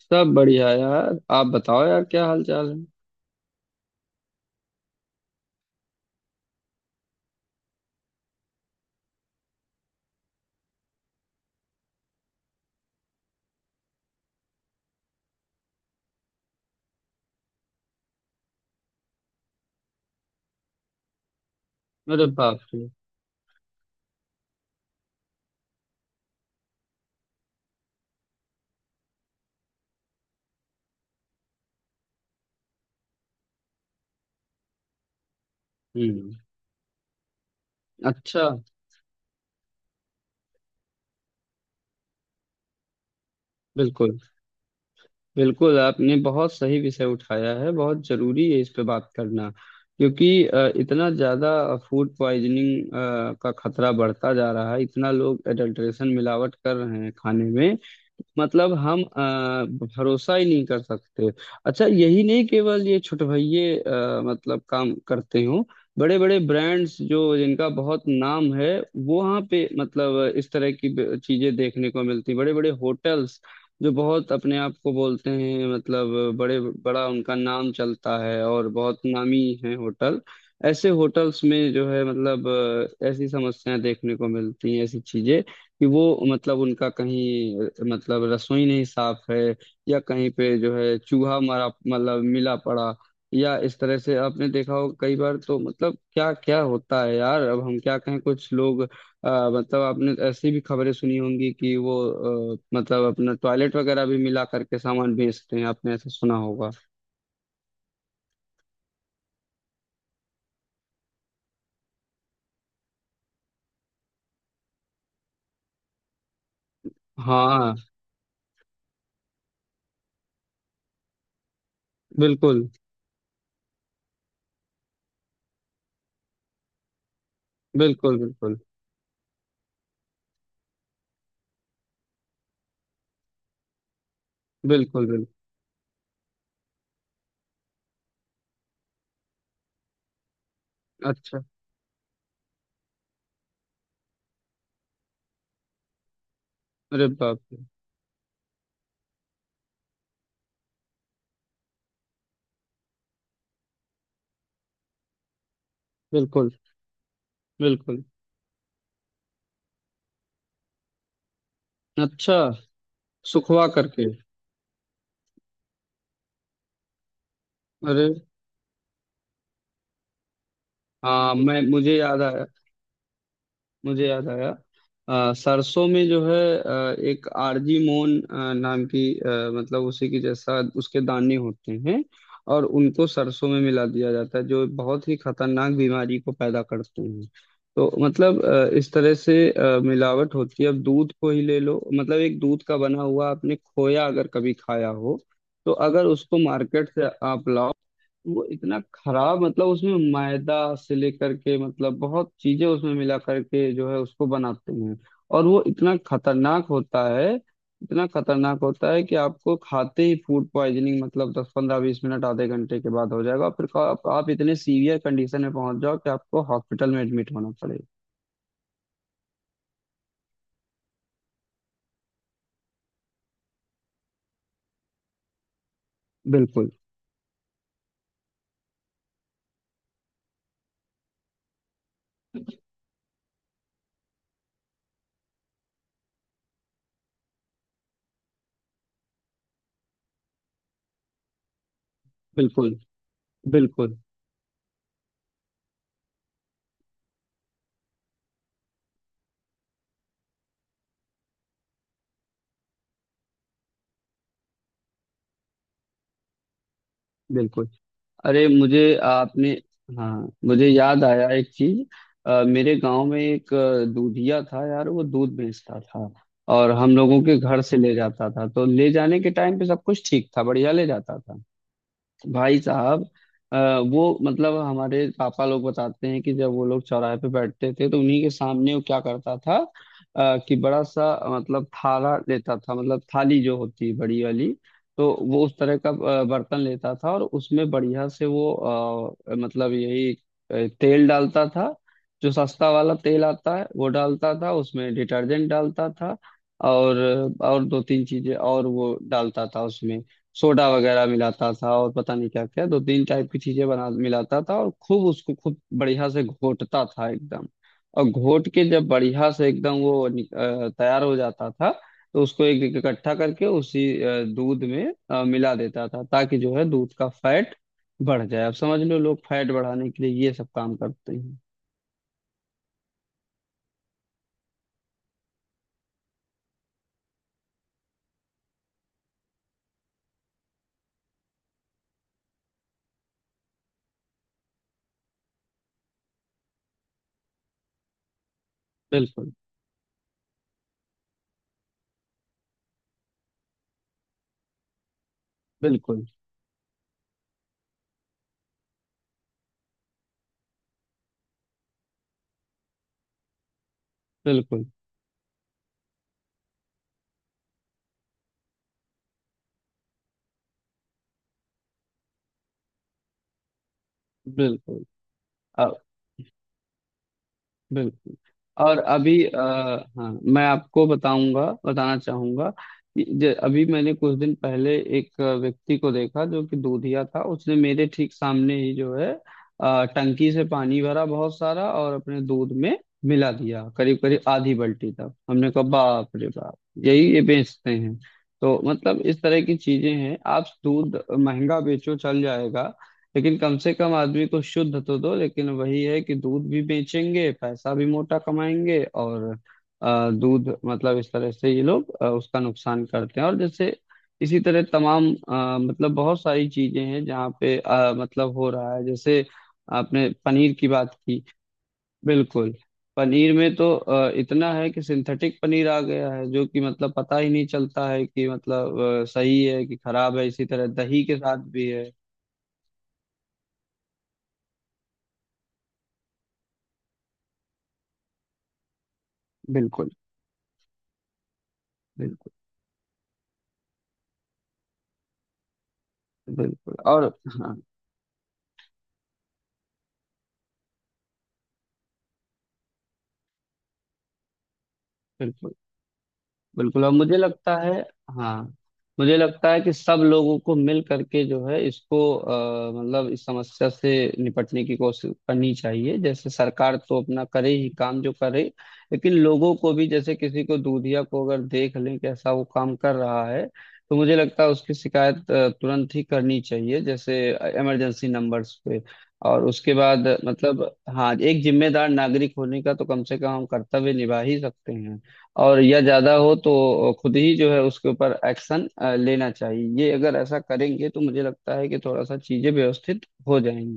सब बढ़िया यार, आप बताओ यार क्या हाल चाल है। अरे बाप रे। हम्म। अच्छा। बिल्कुल। बिल्कुल आपने बहुत सही विषय उठाया है, बहुत जरूरी है इस पे बात करना क्योंकि इतना ज्यादा फूड पॉइजनिंग का खतरा बढ़ता जा रहा है, इतना लोग एडल्ट्रेशन मिलावट कर रहे हैं खाने में। मतलब हम भरोसा ही नहीं कर सकते। अच्छा यही नहीं, केवल ये छुटभइये मतलब काम करते हो, बड़े बड़े ब्रांड्स जो जिनका बहुत नाम है वो वहाँ पे मतलब इस तरह की चीजें देखने को मिलती, बड़े बड़े होटल्स जो बहुत अपने आप को बोलते हैं मतलब बड़े बड़ा उनका नाम चलता है और बहुत नामी है होटल। ऐसे होटल्स में जो है मतलब ऐसी समस्याएं देखने को मिलती हैं, ऐसी चीजें कि वो मतलब उनका कहीं मतलब रसोई नहीं साफ है, या कहीं पे जो है चूहा मरा मतलब मिला पड़ा, या इस तरह से आपने देखा हो कई बार तो मतलब क्या क्या होता है यार, अब हम क्या कहें। कुछ लोग मतलब आपने ऐसी भी खबरें सुनी होंगी कि वो मतलब अपना टॉयलेट वगैरह भी मिला करके सामान बेचते हैं, आपने ऐसा सुना होगा। हाँ। बिल्कुल। बिल्कुल। बिल्कुल। बिल्कुल। बिल्कुल। अच्छा। अरे बाप रे। बिल्कुल बिल्कुल। अच्छा। सुखवा करके। अरे। हाँ मैं मुझे याद आया। मुझे याद आया, सरसों में जो है एक आरजी मोन नाम की, मतलब उसी की जैसा उसके दाने होते हैं और उनको सरसों में मिला दिया जाता है जो बहुत ही खतरनाक बीमारी को पैदा करते हैं। तो मतलब इस तरह से मिलावट होती है। अब दूध को ही ले लो, मतलब एक दूध का बना हुआ आपने खोया अगर कभी खाया हो, तो अगर उसको मार्केट से आप लाओ वो इतना खराब, मतलब उसमें मैदा से लेकर के मतलब बहुत चीजें उसमें मिला करके जो है उसको बनाते हैं। और वो इतना खतरनाक होता है, इतना खतरनाक होता है कि आपको खाते ही फूड पॉइजनिंग मतलब 10 15 20 मिनट, आधे घंटे के बाद हो जाएगा और फिर आप इतने सीवियर कंडीशन में पहुंच जाओ कि आपको हॉस्पिटल में एडमिट होना पड़ेगा। बिल्कुल। बिल्कुल। बिल्कुल। बिल्कुल। अरे मुझे आपने, हाँ मुझे याद आया एक चीज। मेरे गांव में एक दूधिया था यार, वो दूध बेचता था और हम लोगों के घर से ले जाता था, तो ले जाने के टाइम पे सब कुछ ठीक था, बढ़िया ले जाता था। भाई साहब, अ, वो मतलब हमारे पापा लोग बताते हैं कि जब वो लोग चौराहे पे बैठते थे तो उन्हीं के सामने वो क्या करता था, कि बड़ा सा मतलब थाला लेता था, मतलब थाली जो होती है बड़ी वाली, तो वो उस तरह का बर्तन लेता था और उसमें बढ़िया से वो मतलब यही तेल डालता था, जो सस्ता वाला तेल आता है वो डालता था, उसमें डिटर्जेंट डालता था और और दो तीन चीजें और वो डालता था उसमें, सोडा वगैरह मिलाता था और पता नहीं क्या क्या दो तीन टाइप की चीजें बना मिलाता था और खूब उसको खूब बढ़िया से घोटता था एकदम। और घोट के जब बढ़िया से एकदम वो तैयार हो जाता था, तो उसको एक एक इकट्ठा करके उसी दूध में मिला देता था ताकि जो है दूध का फैट बढ़ जाए। अब समझ लो, लोग फैट बढ़ाने के लिए ये सब काम करते हैं। बिल्कुल। बिल्कुल। बिल्कुल। बिल्कुल। अब बिल्कुल। और अभी हाँ मैं आपको बताऊंगा, बताना चाहूंगा कि अभी मैंने कुछ दिन पहले एक व्यक्ति को देखा जो कि दूधिया था। उसने मेरे ठीक सामने ही जो है टंकी से पानी भरा बहुत सारा और अपने दूध में मिला दिया, करीब करीब आधी बाल्टी तक। हमने कहा बाप रे बाप, यही ये बेचते हैं। तो मतलब इस तरह की चीजें हैं। आप दूध महंगा बेचो चल जाएगा, लेकिन कम से कम आदमी को शुद्ध तो दो, लेकिन वही है कि दूध भी बेचेंगे पैसा भी मोटा कमाएंगे। और दूध मतलब इस तरह से ये लोग उसका नुकसान करते हैं। और जैसे इसी तरह तमाम मतलब बहुत सारी चीजें हैं जहाँ पे मतलब हो रहा है, जैसे आपने पनीर की बात की। बिल्कुल। पनीर में तो इतना है कि सिंथेटिक पनीर आ गया है जो कि मतलब पता ही नहीं चलता है कि मतलब सही है कि खराब है, इसी तरह दही के साथ भी है। बिल्कुल। बिल्कुल। बिल्कुल और हाँ बिल्कुल। बिल्कुल और मुझे लगता है, हाँ मुझे लगता है कि सब लोगों को मिल करके जो है इसको मतलब इस समस्या से निपटने की कोशिश करनी चाहिए। जैसे सरकार तो अपना करे ही काम जो करे, लेकिन लोगों को भी, जैसे किसी को दूधिया को अगर देख लें कि ऐसा वो काम कर रहा है, तो मुझे लगता है उसकी शिकायत तुरंत ही करनी चाहिए, जैसे इमरजेंसी नंबर्स पे। और उसके बाद मतलब, हाँ एक जिम्मेदार नागरिक होने का तो कम से कम हम कर्तव्य निभा ही सकते हैं। और या ज्यादा हो तो खुद ही जो है उसके ऊपर एक्शन लेना चाहिए। ये अगर ऐसा करेंगे तो मुझे लगता है कि थोड़ा सा चीजें व्यवस्थित हो जाएंगी।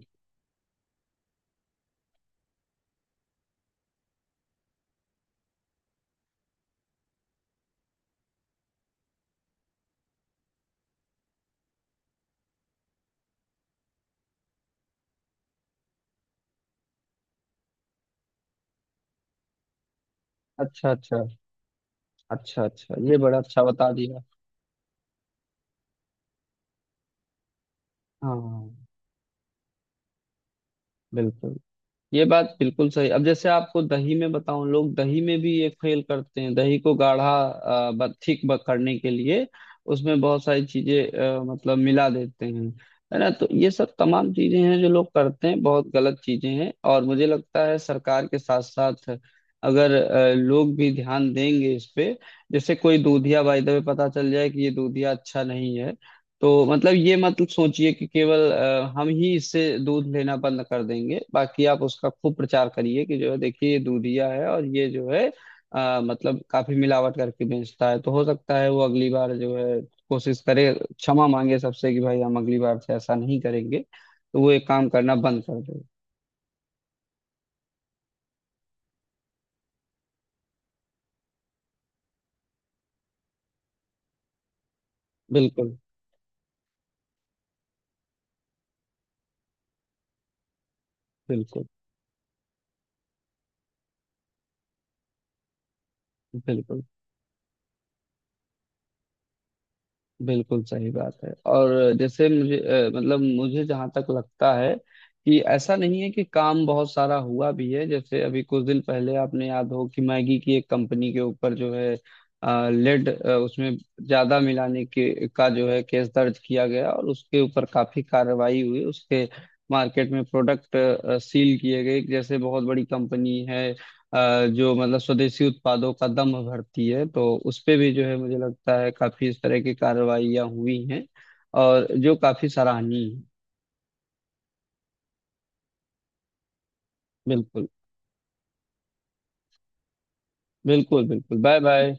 अच्छा अच्छा। अच्छा अच्छा, ये बड़ा अच्छा बता दिया। हाँ। बिल्कुल। ये बात बिल्कुल सही। अब जैसे आपको दही में बताऊं, लोग दही में भी ये फेल करते हैं, दही को गाढ़ा थिक करने के लिए उसमें बहुत सारी चीजें मतलब मिला देते हैं। है ना, तो ये सब तमाम चीजें हैं जो लोग करते हैं, बहुत गलत चीजें हैं, और मुझे लगता है सरकार के साथ साथ अगर लोग भी ध्यान देंगे इस पे। जैसे कोई दूधिया बाय द वे पता चल जाए कि ये दूधिया अच्छा नहीं है, तो मतलब ये मतलब सोचिए कि केवल हम ही इससे दूध लेना बंद कर देंगे, बाकी आप उसका खूब प्रचार करिए कि जो है, देखिए ये दूधिया है और ये जो है मतलब काफी मिलावट करके बेचता है। तो हो सकता है वो अगली बार जो है कोशिश करे, क्षमा मांगे सबसे कि भाई हम अगली बार से ऐसा नहीं करेंगे, तो वो एक काम करना बंद कर दे। बिल्कुल। बिल्कुल। बिल्कुल। बिल्कुल सही बात है। और जैसे मुझे मतलब मुझे जहां तक लगता है कि ऐसा नहीं है, कि काम बहुत सारा हुआ भी है। जैसे अभी कुछ दिन पहले आपने याद हो कि मैगी की एक कंपनी के ऊपर जो है लेड उसमें ज्यादा मिलाने के का जो है केस दर्ज किया गया और उसके ऊपर काफी कार्रवाई हुई। उसके मार्केट में प्रोडक्ट सील किए गए, जैसे बहुत बड़ी कंपनी है, जो मतलब स्वदेशी उत्पादों का दम भरती है, तो उस पे भी जो है मुझे लगता है काफी इस तरह की कार्रवाइयाँ हुई हैं, और जो काफी सराहनीय है। बिल्कुल। बिल्कुल। बिल्कुल बाय बाय।